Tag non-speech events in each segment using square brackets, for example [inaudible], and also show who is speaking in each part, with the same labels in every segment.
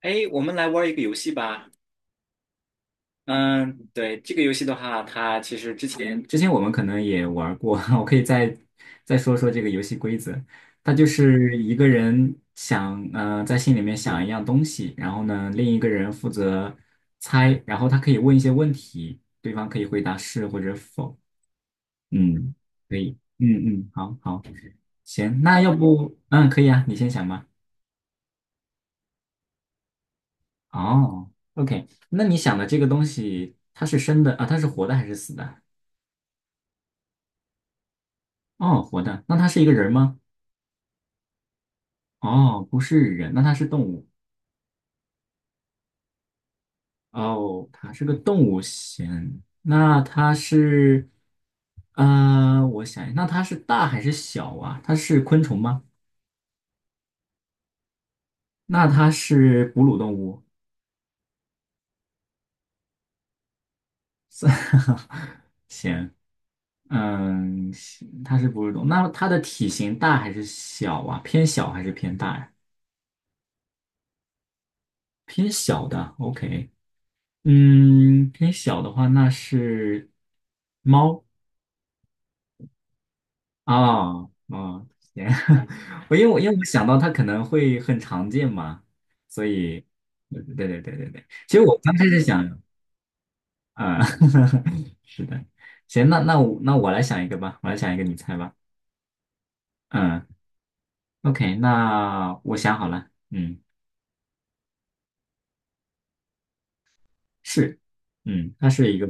Speaker 1: 哎，我们来玩一个游戏吧。嗯，对，这个游戏的话，它其实之前我们可能也玩过，[laughs] 我可以再说说这个游戏规则。它就是一个人想在心里面想一样东西，然后呢另一个人负责猜，然后他可以问一些问题，对方可以回答是或者否。嗯，可以。嗯嗯，好好，行，那要不可以啊，你先想吧。哦，OK，那你想的这个东西，它是生的啊？它是活的还是死的？哦，活的。那它是一个人吗？哦，不是人，那它是动物。哦，它是个动物先。那它是，我想一下那它是大还是小啊？它是昆虫吗？那它是哺乳动物。算 [laughs] 行，行它是哺乳动物。那它的体型大还是小啊？偏小还是偏大呀？偏小的，OK。偏小的话，那是猫啊啊，行，[laughs] 我因为我想到它可能会很常见嘛，所以，对对对对对，其实我刚开始想，啊、[laughs] 是的，行，那我来想一个吧，我来想一个，你猜吧，嗯，OK，那我想好了，嗯，是，嗯，他是一个，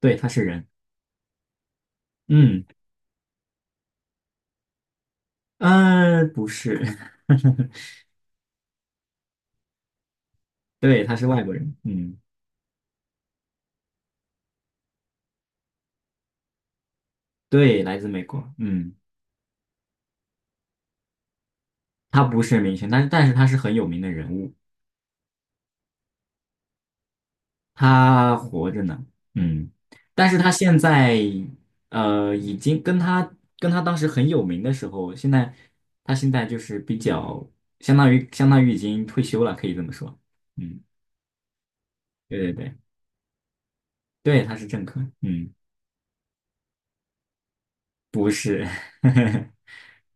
Speaker 1: 对，他是人，嗯，不是，[laughs] 对，他是外国人，嗯，对，来自美国，嗯。他不是明星，但是他是很有名的人物，他活着呢，嗯，但是他现在已经跟他当时很有名的时候，现在他现在就是比较相当于已经退休了，可以这么说，嗯，对对对对，他是政客，嗯，不是，[laughs]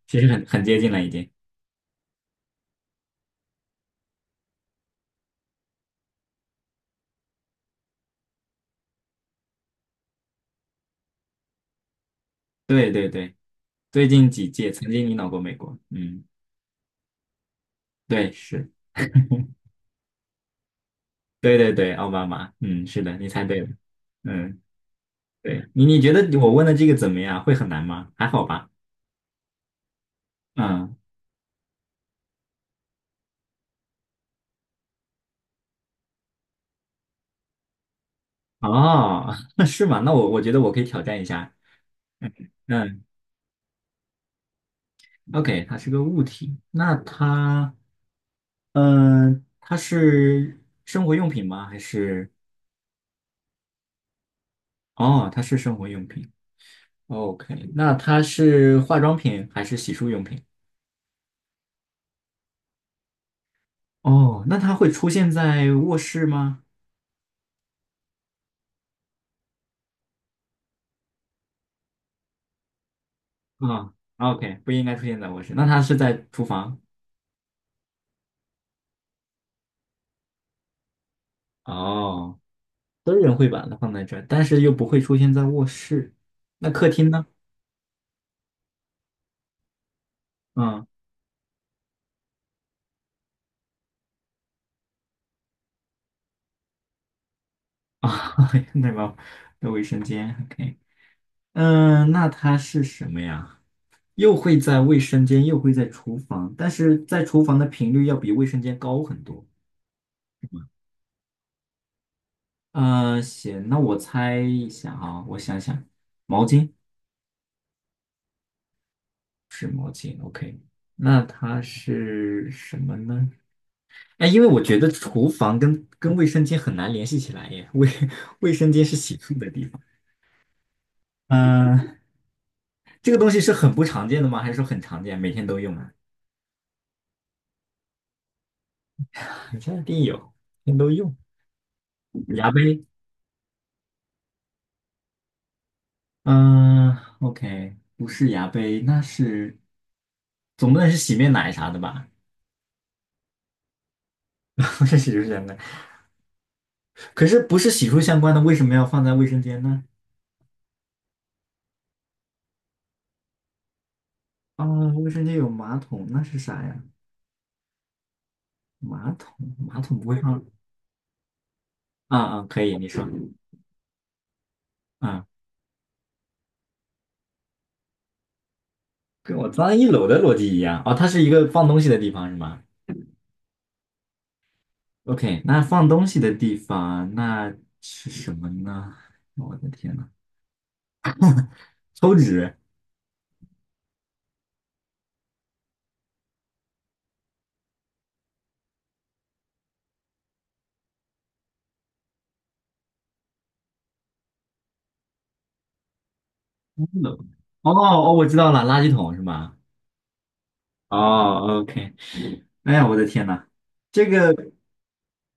Speaker 1: 其实很接近了已经，对对对，最近几届曾经领导过美国，嗯，对是，对对对，奥巴马，嗯，是的，你猜对了，嗯。对你觉得我问的这个怎么样？会很难吗？还好吧。嗯，哦，[laughs] 是吗？那我觉得我可以挑战一下。嗯，OK，它是个物体，那它是生活用品吗？还是哦，它是生活用品。OK，那它是化妆品还是洗漱用品？哦，那它会出现在卧室吗？啊、o k 不应该出现在卧室。那它是在厨房？哦。私人会把它放在这儿，但是又不会出现在卧室。那客厅呢？嗯啊，[laughs] 那个那卫生间，OK，嗯，那它是什么呀？又会在卫生间，又会在厨房，但是在厨房的频率要比卫生间高很多。啊，行，那我猜一下啊，我想想，毛巾是毛巾，OK，那它是什么呢？哎，因为我觉得厨房跟卫生间很难联系起来耶，[laughs] 卫生间是洗漱的地方。嗯、这个东西是很不常见的吗？还是说很常见，每天都用啊？肯定有，每天都用。牙杯，嗯、o k 不是牙杯，那是总不能是洗面奶啥的吧？[laughs] 不是洗漱相关，可是不是洗漱相关的，为什么要放在卫生间呢？啊、卫生间有马桶，那是啥呀？马桶不会放啊啊，可以，你说啊，跟我脏一楼的逻辑一样哦，它是一个放东西的地方是吗？OK，那放东西的地方那是什么呢？我的天呐，抽纸。嗯哦哦，我知道了，垃圾桶是吗？哦，OK。哎呀，我的天呐，这个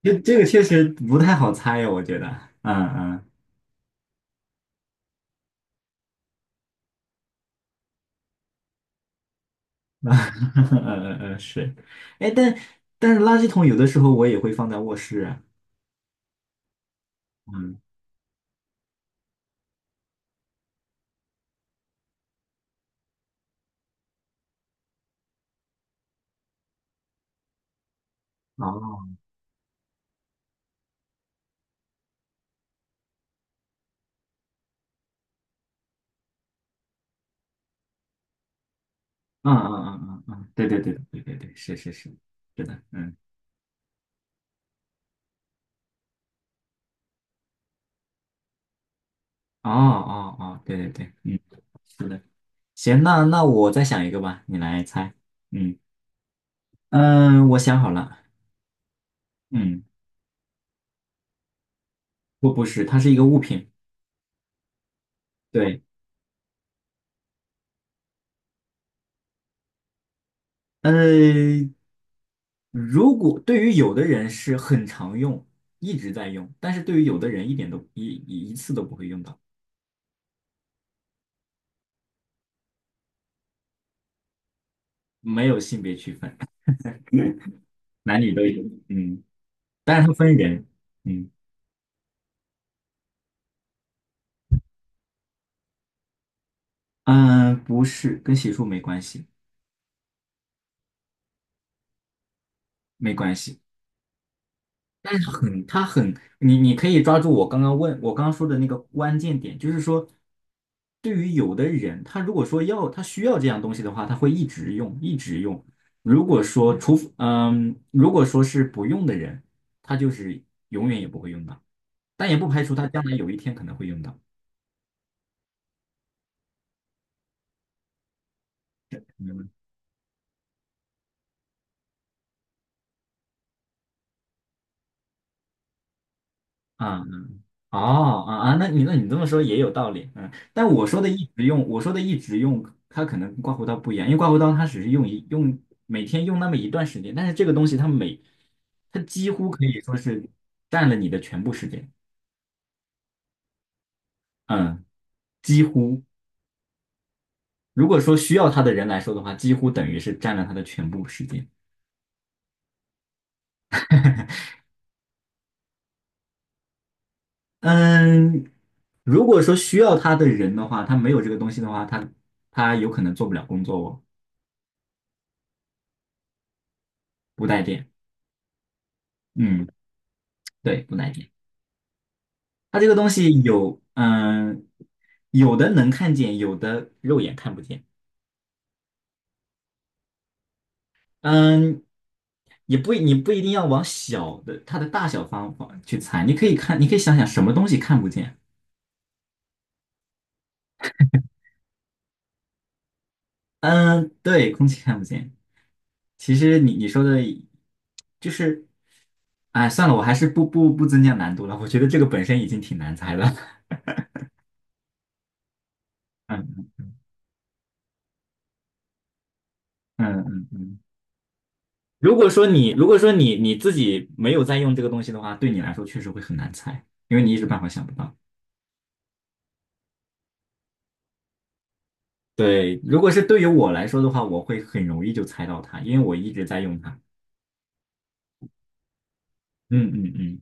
Speaker 1: 这个确实不太好猜呀，我觉得。嗯嗯 [laughs] 嗯嗯嗯，是。哎，但是垃圾桶有的时候我也会放在卧室啊嗯，哦，嗯嗯嗯嗯嗯，对对对对对对，是是是，是的，嗯，哦哦哦，对对对，嗯。是的。行，那我再想一个吧，你来猜。嗯嗯，我想好了。嗯，不是，它是一个物品。对，呃，如果对于有的人是很常用，一直在用，但是对于有的人一点都一次都不会用到，没有性别区分，男女都有。嗯，但是它分人。嗯嗯，不是，跟洗漱没关系，没关系。但是它很，你可以抓住我刚刚说的那个关键点，就是说，对于有的人，他如果说要他需要这样东西的话，他会一直用，一直用。如果说是不用的人，他就是永远也不会用到，但也不排除他将来有一天可能会用到。嗯啊。哦啊啊，那你这么说也有道理，嗯，但我说的一直用，我说的一直用，它可能跟刮胡刀不一样，因为刮胡刀它只是用一用每天用那么一段时间，但是这个东西它几乎可以说是占了你的全部时间，嗯，几乎如果说需要它的人来说的话，几乎等于是占了它的全部时间，嗯，如果说需要它的人的话，他没有这个东西的话，他有可能做不了工作哦，不带电，嗯，对，不带电。它这个东西有的能看见，有的肉眼看不见。嗯，也不你不一定要往小的它的大小方方去猜，你可以看，你可以想想什么东西看不见。嗯，对，空气看不见。其实你说的，就是，哎，算了，我还是不增加难度了。我觉得这个本身已经挺难猜了。[laughs] 嗯嗯嗯嗯。如果说你自己没有在用这个东西的话，对你来说确实会很难猜，因为你一时半会儿想不到。对，如果是对于我来说的话，我会很容易就猜到它，因为我一直在用它。嗯嗯嗯，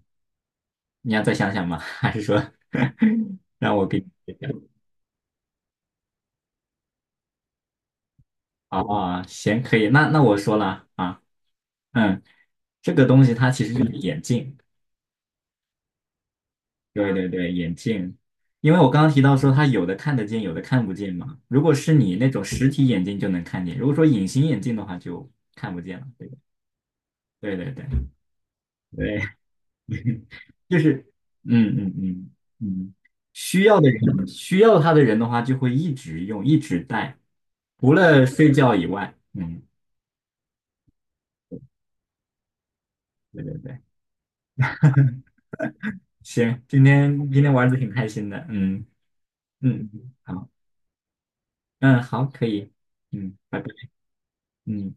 Speaker 1: 你要再想想吗？[laughs] 还是说 [laughs] 让我给你揭晓啊？行，可以，那我说了啊，嗯，这个东西它其实就是眼镜，对对对，眼镜，因为我刚刚提到说它有的看得见，有的看不见嘛。如果是你那种实体眼镜就能看见，如果说隐形眼镜的话就看不见了。对对对对对。就是嗯嗯嗯嗯，需要他的人的话，就会一直用，一直带，除了睡觉以外。嗯，对对对，行，今天玩的挺开心的。嗯嗯，好，嗯好，可以，嗯，拜拜，嗯。